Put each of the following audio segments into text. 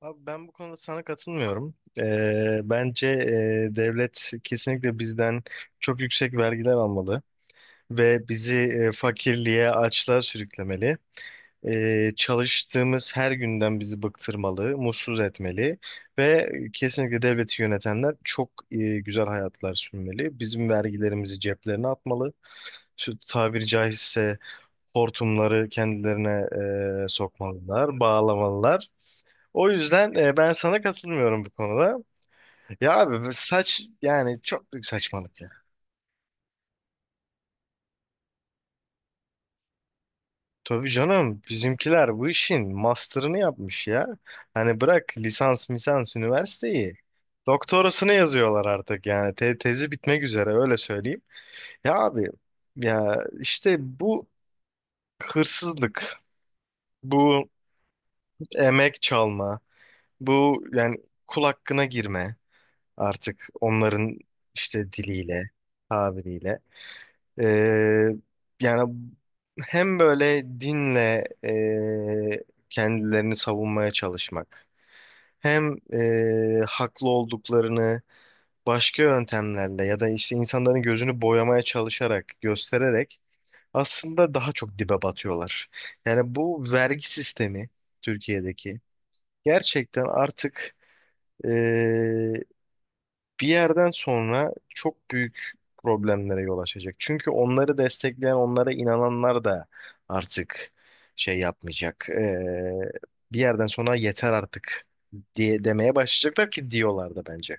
Abi, ben bu konuda sana katılmıyorum. Bence devlet kesinlikle bizden çok yüksek vergiler almalı ve bizi fakirliğe, açlığa sürüklemeli. Çalıştığımız her günden bizi bıktırmalı, mutsuz etmeli ve kesinlikle devleti yönetenler çok güzel hayatlar sürmeli. Bizim vergilerimizi ceplerine atmalı. Şu tabiri caizse hortumları kendilerine sokmalılar, bağlamalılar. O yüzden ben sana katılmıyorum bu konuda. Ya abi, bu saç yani çok büyük saçmalık ya. Tabii canım, bizimkiler bu işin master'ını yapmış ya. Hani bırak lisans misans üniversiteyi. Doktorasını yazıyorlar artık, yani tezi bitmek üzere öyle söyleyeyim. Ya abi, ya işte bu hırsızlık, bu emek çalma, bu yani kul hakkına girme, artık onların işte diliyle, tabiriyle. Ee, Yani hem böyle dinle kendilerini savunmaya çalışmak, hem haklı olduklarını başka yöntemlerle ya da işte insanların gözünü boyamaya çalışarak, göstererek aslında daha çok dibe batıyorlar. Yani bu vergi sistemi Türkiye'deki gerçekten artık e, bir yerden sonra çok büyük problemlere yol açacak. Çünkü onları destekleyen, onlara inananlar da artık şey yapmayacak. Bir yerden sonra yeter artık diye demeye başlayacaklar ki diyorlar da bence.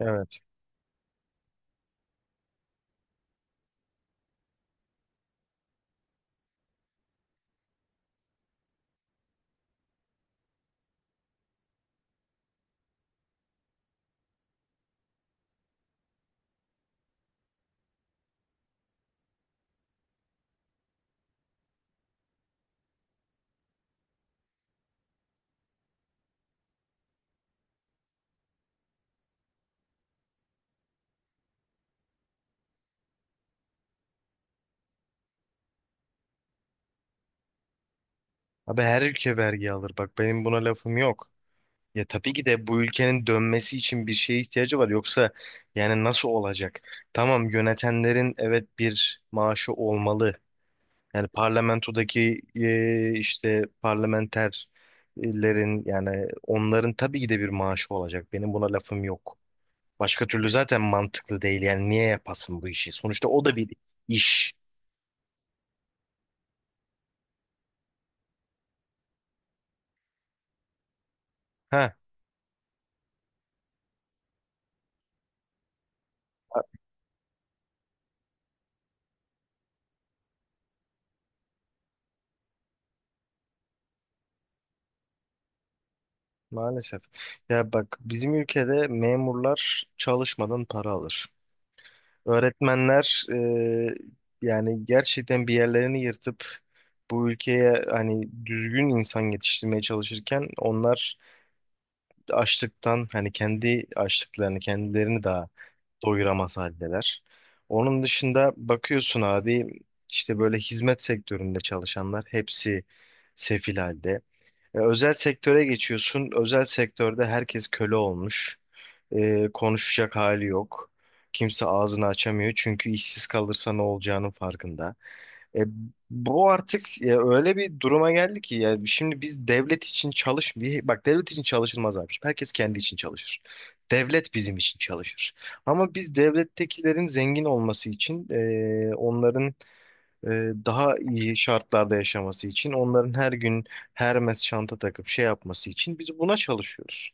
Evet. Abi, her ülke vergi alır. Bak, benim buna lafım yok. Ya tabii ki de bu ülkenin dönmesi için bir şeye ihtiyacı var. Yoksa yani nasıl olacak? Tamam, yönetenlerin evet bir maaşı olmalı. Yani parlamentodaki işte parlamenterlerin, yani onların tabii ki de bir maaşı olacak. Benim buna lafım yok. Başka türlü zaten mantıklı değil. Yani niye yapasın bu işi? Sonuçta o da bir iş. Ha, maalesef. Ya bak, bizim ülkede memurlar çalışmadan para alır. Öğretmenler yani gerçekten bir yerlerini yırtıp bu ülkeye hani düzgün insan yetiştirmeye çalışırken onlar açlıktan hani kendi açlıklarını, kendilerini daha doyuramaz haldeler. Onun dışında bakıyorsun abi, işte böyle hizmet sektöründe çalışanlar hepsi sefil halde. E, özel sektöre geçiyorsun. Özel sektörde herkes köle olmuş. E, konuşacak hali yok. Kimse ağzını açamıyor çünkü işsiz kalırsa ne olacağının farkında. E, bu artık ya öyle bir duruma geldi ki ya şimdi biz devlet için çalış bir bak, devlet için çalışılmaz abi. Herkes kendi için çalışır. Devlet bizim için çalışır. Ama biz devlettekilerin zengin olması için, onların e, daha iyi şartlarda yaşaması için, onların her gün Hermes çanta takıp şey yapması için biz buna çalışıyoruz.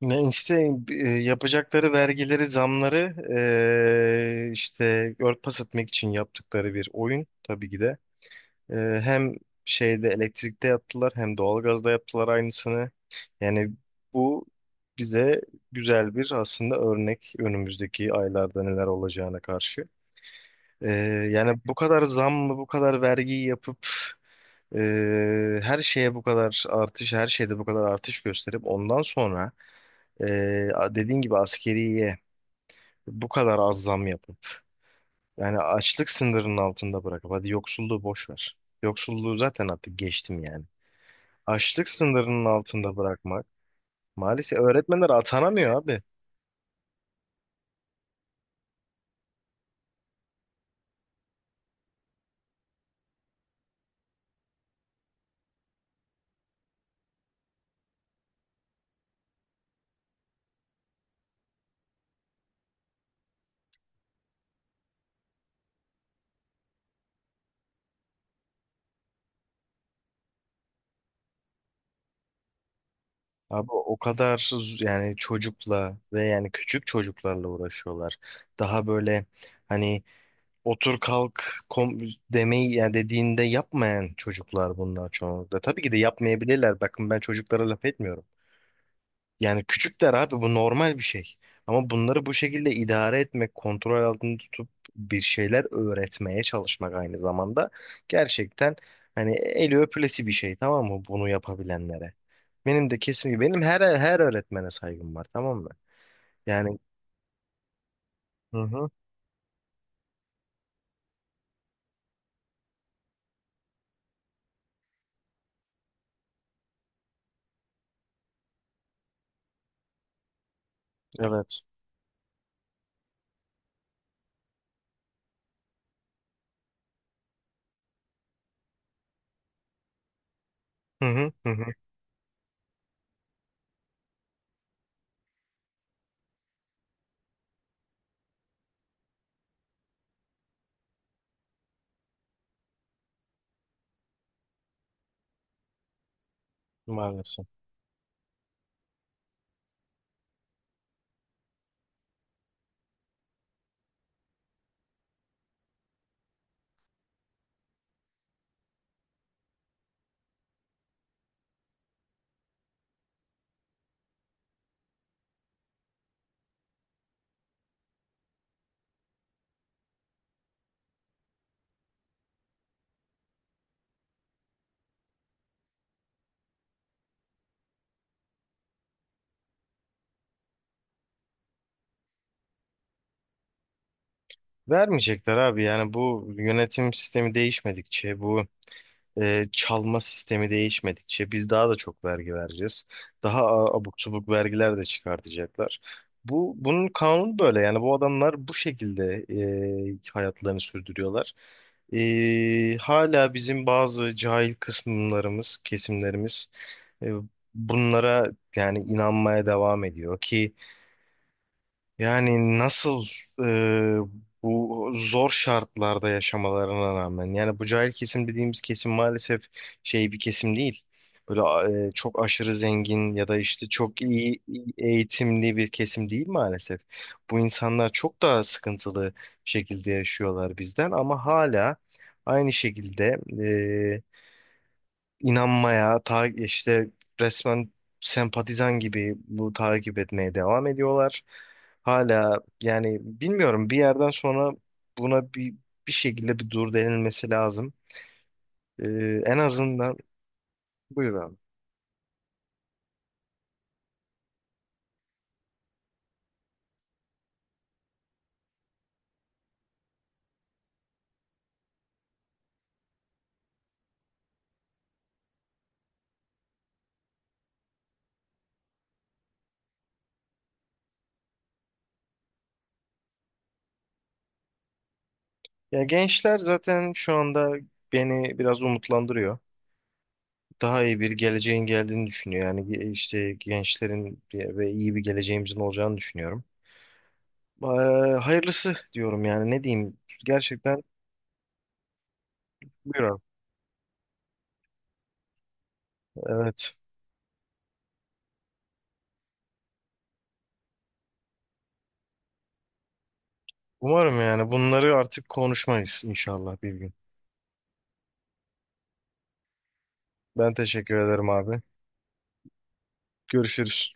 Ne işte yapacakları vergileri, zamları işte örtbas etmek için yaptıkları bir oyun, tabii ki de. Ee, Hem şeyde, elektrikte yaptılar, hem doğalgazda yaptılar aynısını. Yani bu bize güzel bir aslında örnek, önümüzdeki aylarda neler olacağına karşı. Ee, Yani bu kadar zam mı, bu kadar vergiyi yapıp e, her şeye bu kadar artış, her şeyde bu kadar artış gösterip ondan sonra e, dediğin gibi askeriye bu kadar az zam yapıp yani açlık sınırının altında bırakıp hadi yoksulluğu boş ver. Yoksulluğu zaten artık geçtim yani. Açlık sınırının altında bırakmak. Maalesef öğretmenler atanamıyor abi. Abi, yani çocukla ve yani küçük çocuklarla uğraşıyorlar. Daha böyle hani otur kalk kom demeyi, yani dediğinde yapmayan çocuklar bunlar çoğunlukla. Tabii ki de yapmayabilirler. Bakın, ben çocuklara laf etmiyorum. Yani küçükler abi, bu normal bir şey. Ama bunları bu şekilde idare etmek, kontrol altında tutup bir şeyler öğretmeye çalışmak aynı zamanda gerçekten hani eli öpülesi bir şey, tamam mı, bunu yapabilenlere. Benim de kesin benim her öğretmene saygım var, tamam mı? Yani hı hı, evet. Hı hı hı hı, maalesef. Vermeyecekler abi, yani bu yönetim sistemi değişmedikçe, bu çalma sistemi değişmedikçe biz daha da çok vergi vereceğiz. Daha abuk subuk vergiler de çıkartacaklar. Bunun kanunu böyle, yani bu adamlar bu şekilde hayatlarını sürdürüyorlar. E, hala bizim bazı cahil kısımlarımız, kesimlerimiz e, bunlara yani inanmaya devam ediyor ki yani nasıl e, bu zor şartlarda yaşamalarına rağmen, yani bu cahil kesim dediğimiz kesim maalesef şey bir kesim değil. Böyle çok aşırı zengin ya da işte çok iyi eğitimli bir kesim değil maalesef. Bu insanlar çok daha sıkıntılı şekilde yaşıyorlar bizden, ama hala aynı şekilde inanmaya, ta işte resmen sempatizan gibi bu takip etmeye devam ediyorlar. Hala yani bilmiyorum, bir yerden sonra buna bir şekilde bir dur denilmesi lazım. En azından buyur abi. Ya gençler zaten şu anda beni biraz umutlandırıyor. Daha iyi bir geleceğin geldiğini düşünüyor. Yani işte ve iyi bir geleceğimizin olacağını düşünüyorum. Ee, Hayırlısı diyorum, yani ne diyeyim. Gerçekten buyur abi. Evet. Umarım yani bunları artık konuşmayız inşallah bir gün. Ben teşekkür ederim abi. Görüşürüz.